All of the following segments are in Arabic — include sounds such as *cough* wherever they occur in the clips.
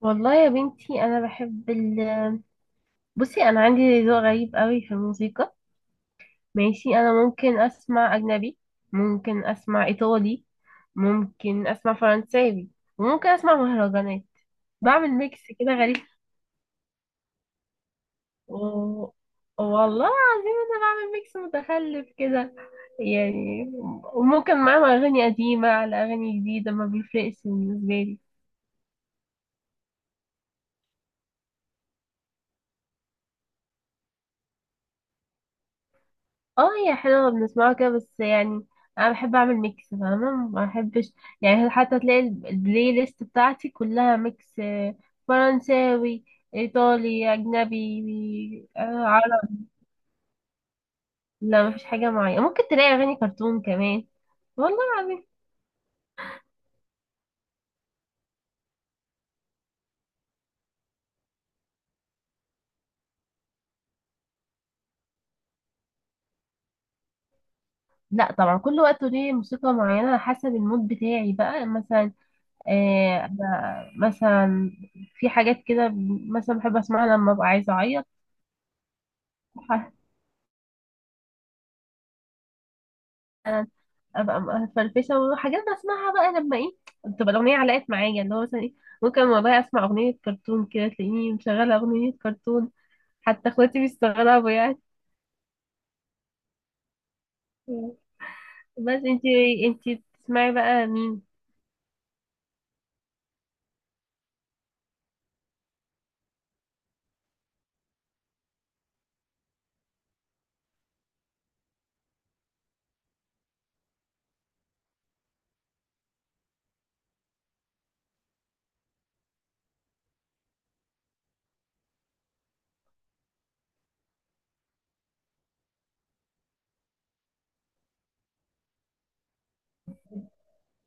والله يا بنتي انا بحب بصي، انا عندي ذوق غريب قوي في الموسيقى. ماشي، انا ممكن اسمع اجنبي، ممكن اسمع ايطالي، ممكن اسمع فرنساوي، وممكن اسمع مهرجانات. بعمل ميكس كده غريب. و... والله العظيم انا بعمل ميكس متخلف كده يعني، وممكن معاهم اغاني قديمة على اغاني جديدة، ما بيفرقش بالنسبة لي. اه، هي حلوة بنسمعها كده بس يعني انا بحب اعمل ميكس فاهمة، ما بحبش يعني، حتى تلاقي البلاي ليست بتاعتي كلها ميكس، فرنساوي، ايطالي، اجنبي، عربي. لا مفيش حاجة معينة، ممكن تلاقي اغاني كرتون كمان، والله العظيم. لا طبعا كل وقت ليه موسيقى معينة على حسب المود بتاعي بقى، مثلا أنا مثلا في حاجات كده مثلا بحب اسمعها لما ابقى عايزة اعيط. *laughs* ابقى مفرفشه وحاجات بسمعها بقى لما ايه، تبقى الاغنيه علقت معايا اللي هو مثلا ايه، ممكن والله اسمع اغنيه كرتون كده تلاقيني مشغله اغنيه كرتون، حتى اخواتي بيستغربوا يعني. بس انتي، انتي بتسمعي بقى مين؟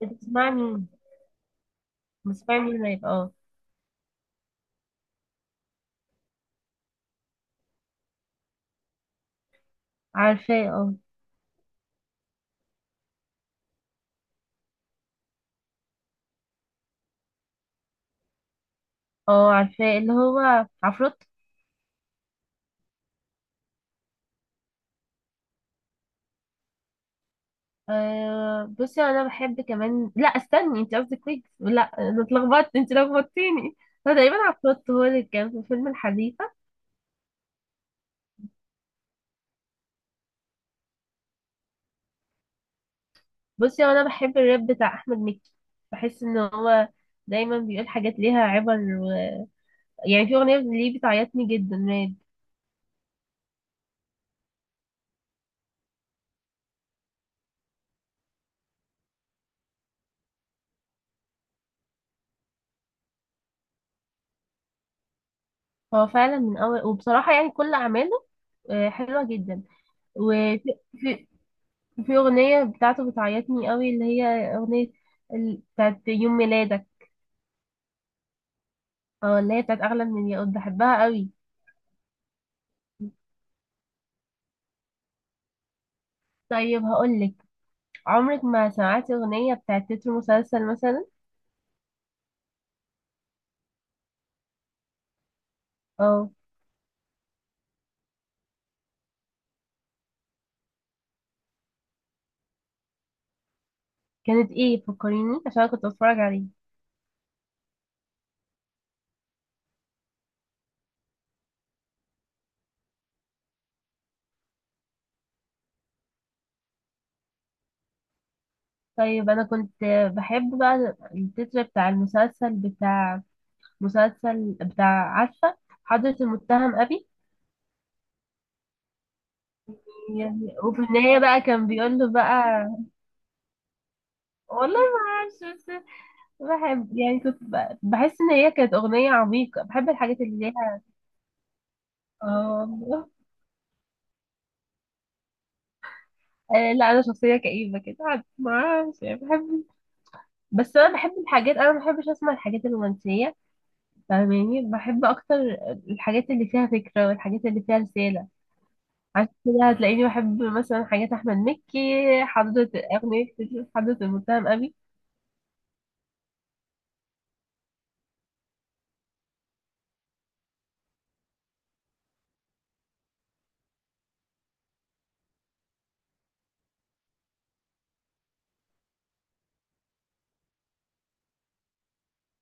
بتسمعي مين بتسمعي مين ما يبقى اه. عارفاه اه. اه عارفاه، اللي هو عفروت. آه بصي انا بحب كمان، لا استني، انت قصدك ويجز؟ لا انا اتلخبطت، انت لخبطتيني. هو تقريبا عفروت هو اللي كان في فيلم الحديد. بصي هو انا بحب الراب بتاع احمد مكي، بحس ان هو دايما بيقول حاجات ليها عبر. يعني في اغنيه ليه بتعيطني جدا راب. هو فعلا من اول وبصراحه يعني كل اعماله حلوه جدا. وفي في... في اغنيه بتاعته بتعيطني قوي، اللي هي اغنيه بتاعت يوم ميلادك. اه اللي هي بتاعت اغلى من الياقوت، بحبها قوي. طيب هقولك، عمرك ما سمعتي اغنيه بتاعت تتر مسلسل مثلا؟ اه، كانت ايه؟ فكريني عشان أنا كنت بتفرج عليه. طيب انا كنت بحب بقى التتر بتاع المسلسل، بتاع مسلسل بتاع، عارفه حضرة المتهم ابي؟ يعني وفي النهايه بقى كان بيقول له بقى، والله ما اعرفش بس بحب يعني، كنت بحس ان هي كانت اغنيه عميقه، بحب الحاجات اللي ليها. اه. لا انا شخصيه كئيبه كده عاد، ما اعرفش يعني بحب. بس انا بحب الحاجات، انا ما بحبش اسمع الحاجات الرومانسيه فاهماني، بحب اكتر الحاجات اللي فيها فكره والحاجات اللي فيها رساله. عشان كده هتلاقيني بحب مثلا حاجات احمد مكي، حضرة، اغنية حضرة المتهم ابي.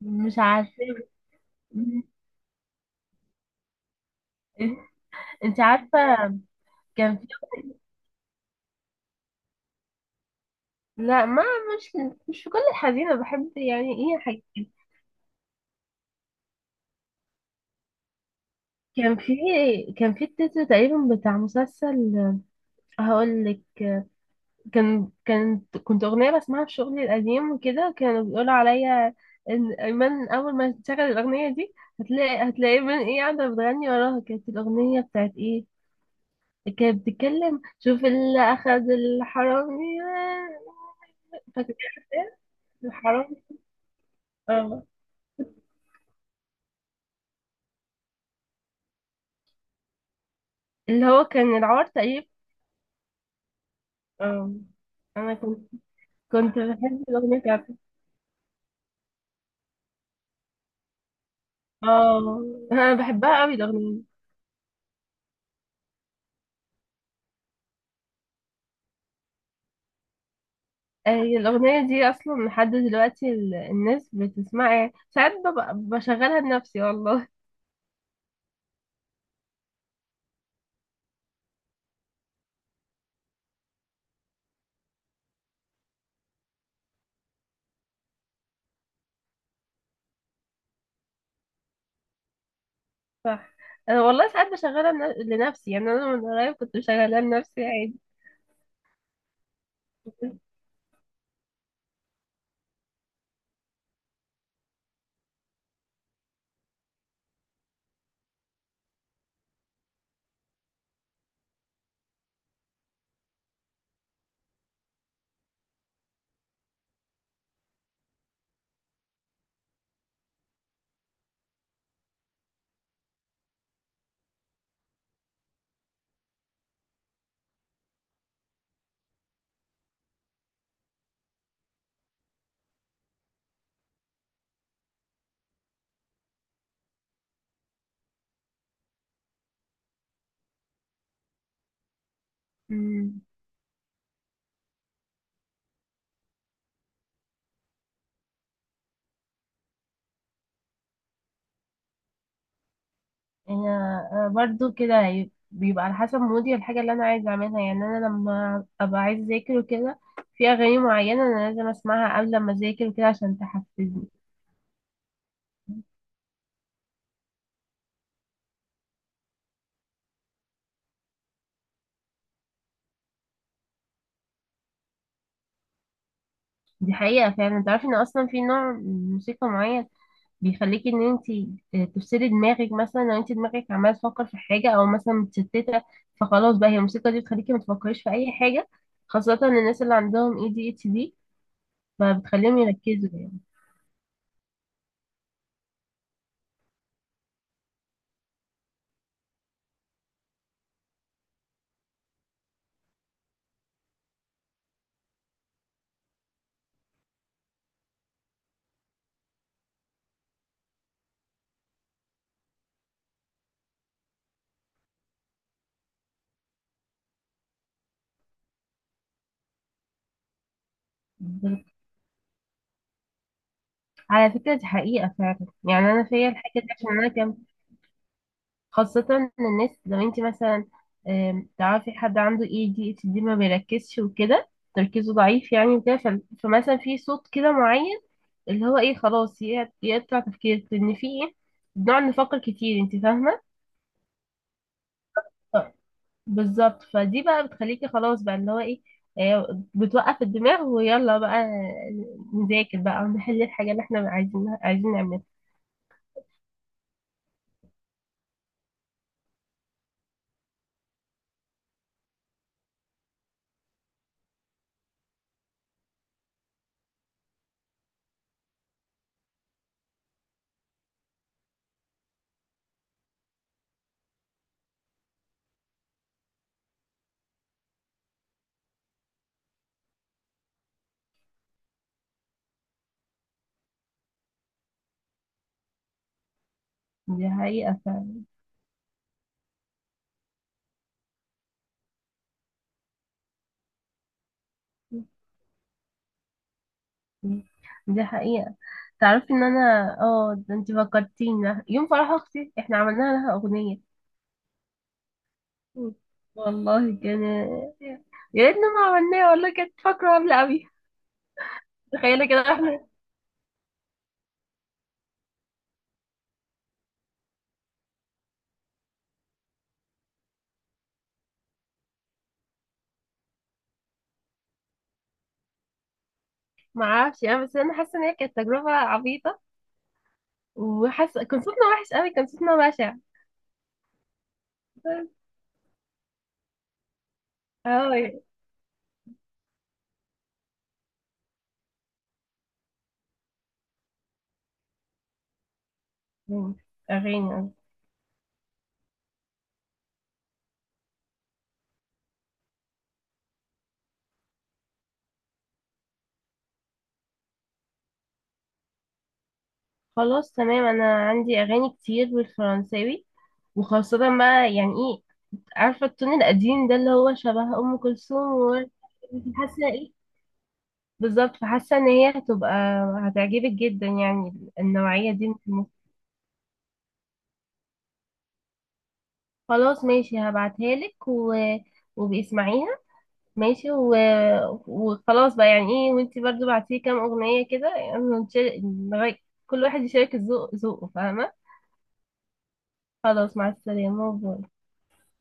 مش عارفة. *laughs* انت عارفة، كان في، لا ما، مش، مش في كل الحزينة بحب، يعني ايه حاجات كده. كان في، كان في التتر تقريبا بتاع مسلسل، هقول لك، كان كانت كنت اغنية بسمعها في شغلي القديم، وكده كانوا بيقولوا عليا ان ايمن اول ما تشغل الاغنية دي هتلاقي من ايه قاعدة بتغني وراها. كانت الاغنية بتاعت ايه، كانت بتتكلم، شوف اللي أخذ الحرامي. فاكرة الحرامي؟ اه، اللي هو كان العار تقريبا. اه. أنا كنت، كنت بحب الأغنية بتاعته. اه، أنا بحبها أوي الأغنية دي. هي الأغنية دي أصلا لحد دلوقتي الناس بتسمعها، يعني ساعات ببقى بشغلها لنفسي والله. صح، أنا والله ساعات بشغلها لنفسي، يعني أنا من قريب كنت بشغلها لنفسي. عادي. يعني أنا برضو كده، بيبقى على حسب مودي الحاجة اللي أنا عايزة أعملها، يعني أنا لما أبقى عايزة أذاكر وكده في أغاني معينة أنا لازم أسمعها قبل ما أذاكر وكده عشان تحفزني. دي حقيقة فعلا. تعرفي إن أصلا في نوع من موسيقى معين بيخليكي إن أنتي تفصلي دماغك، مثلا لو أنتي دماغك عمالة تفكر في حاجة أو مثلا متشتتة، فخلاص بقى هي الموسيقى دي بتخليكي ما تفكريش في أي حاجة. خاصة الناس اللي عندهم اي دي اتش دي بقى بتخليهم يركزوا. يعني على فكرة دي حقيقة فعلا، يعني أنا فيا الحاجة دي عشان أنا كان، خاصة إن الناس، لو أنت مثلا تعرفي حد عنده اي دي اتش دي، ما بيركزش وكده، تركيزه ضعيف يعني وكده، فمثلا في صوت كده معين اللي هو ايه خلاص يقطع تفكيرك، لأن في ايه بنقعد نفكر كتير، أنت فاهمة؟ ف- بالظبط، فدي بقى بتخليكي خلاص بقى اللي هو ايه، بتوقف الدماغ ويلا بقى نذاكر بقى ونحل الحاجة اللي احنا عايزين نعملها. دي حقيقة فعلا. مم. دي حقيقة. تعرفي ان انا، اه ده انت فكرتينا يوم فرح اختي احنا عملنا لها اغنية. مم. والله كان، يا ريتنا ما عملناها، والله كانت فاكرة عاملة قوي. تخيلي كده احنا، ما اعرفش، انا بس انا حاسة ان هي كانت تجربة عبيطة، وحاسة كان صوتنا وحش قوي، كان صوتنا بشع. اه. مم. اغاني. خلاص تمام، انا عندي اغاني كتير بالفرنساوي، وخاصة بقى يعني إيه، عارفة التون القديم ده اللي هو شبه أم كلثوم وورد. حاسة ايه بالظبط، فحاسة ان هي هتبقى هتعجبك جدا يعني، النوعية دي من الموسيقى. خلاص ماشي هبعتها لك، وباسمعيها، ماشي، وخلاص بقى يعني ايه، وانتي برضو بعتيه كام اغنية كده، يعني كل واحد يشارك ذوقه فاهمة. خلاص، مع السلامة، باي.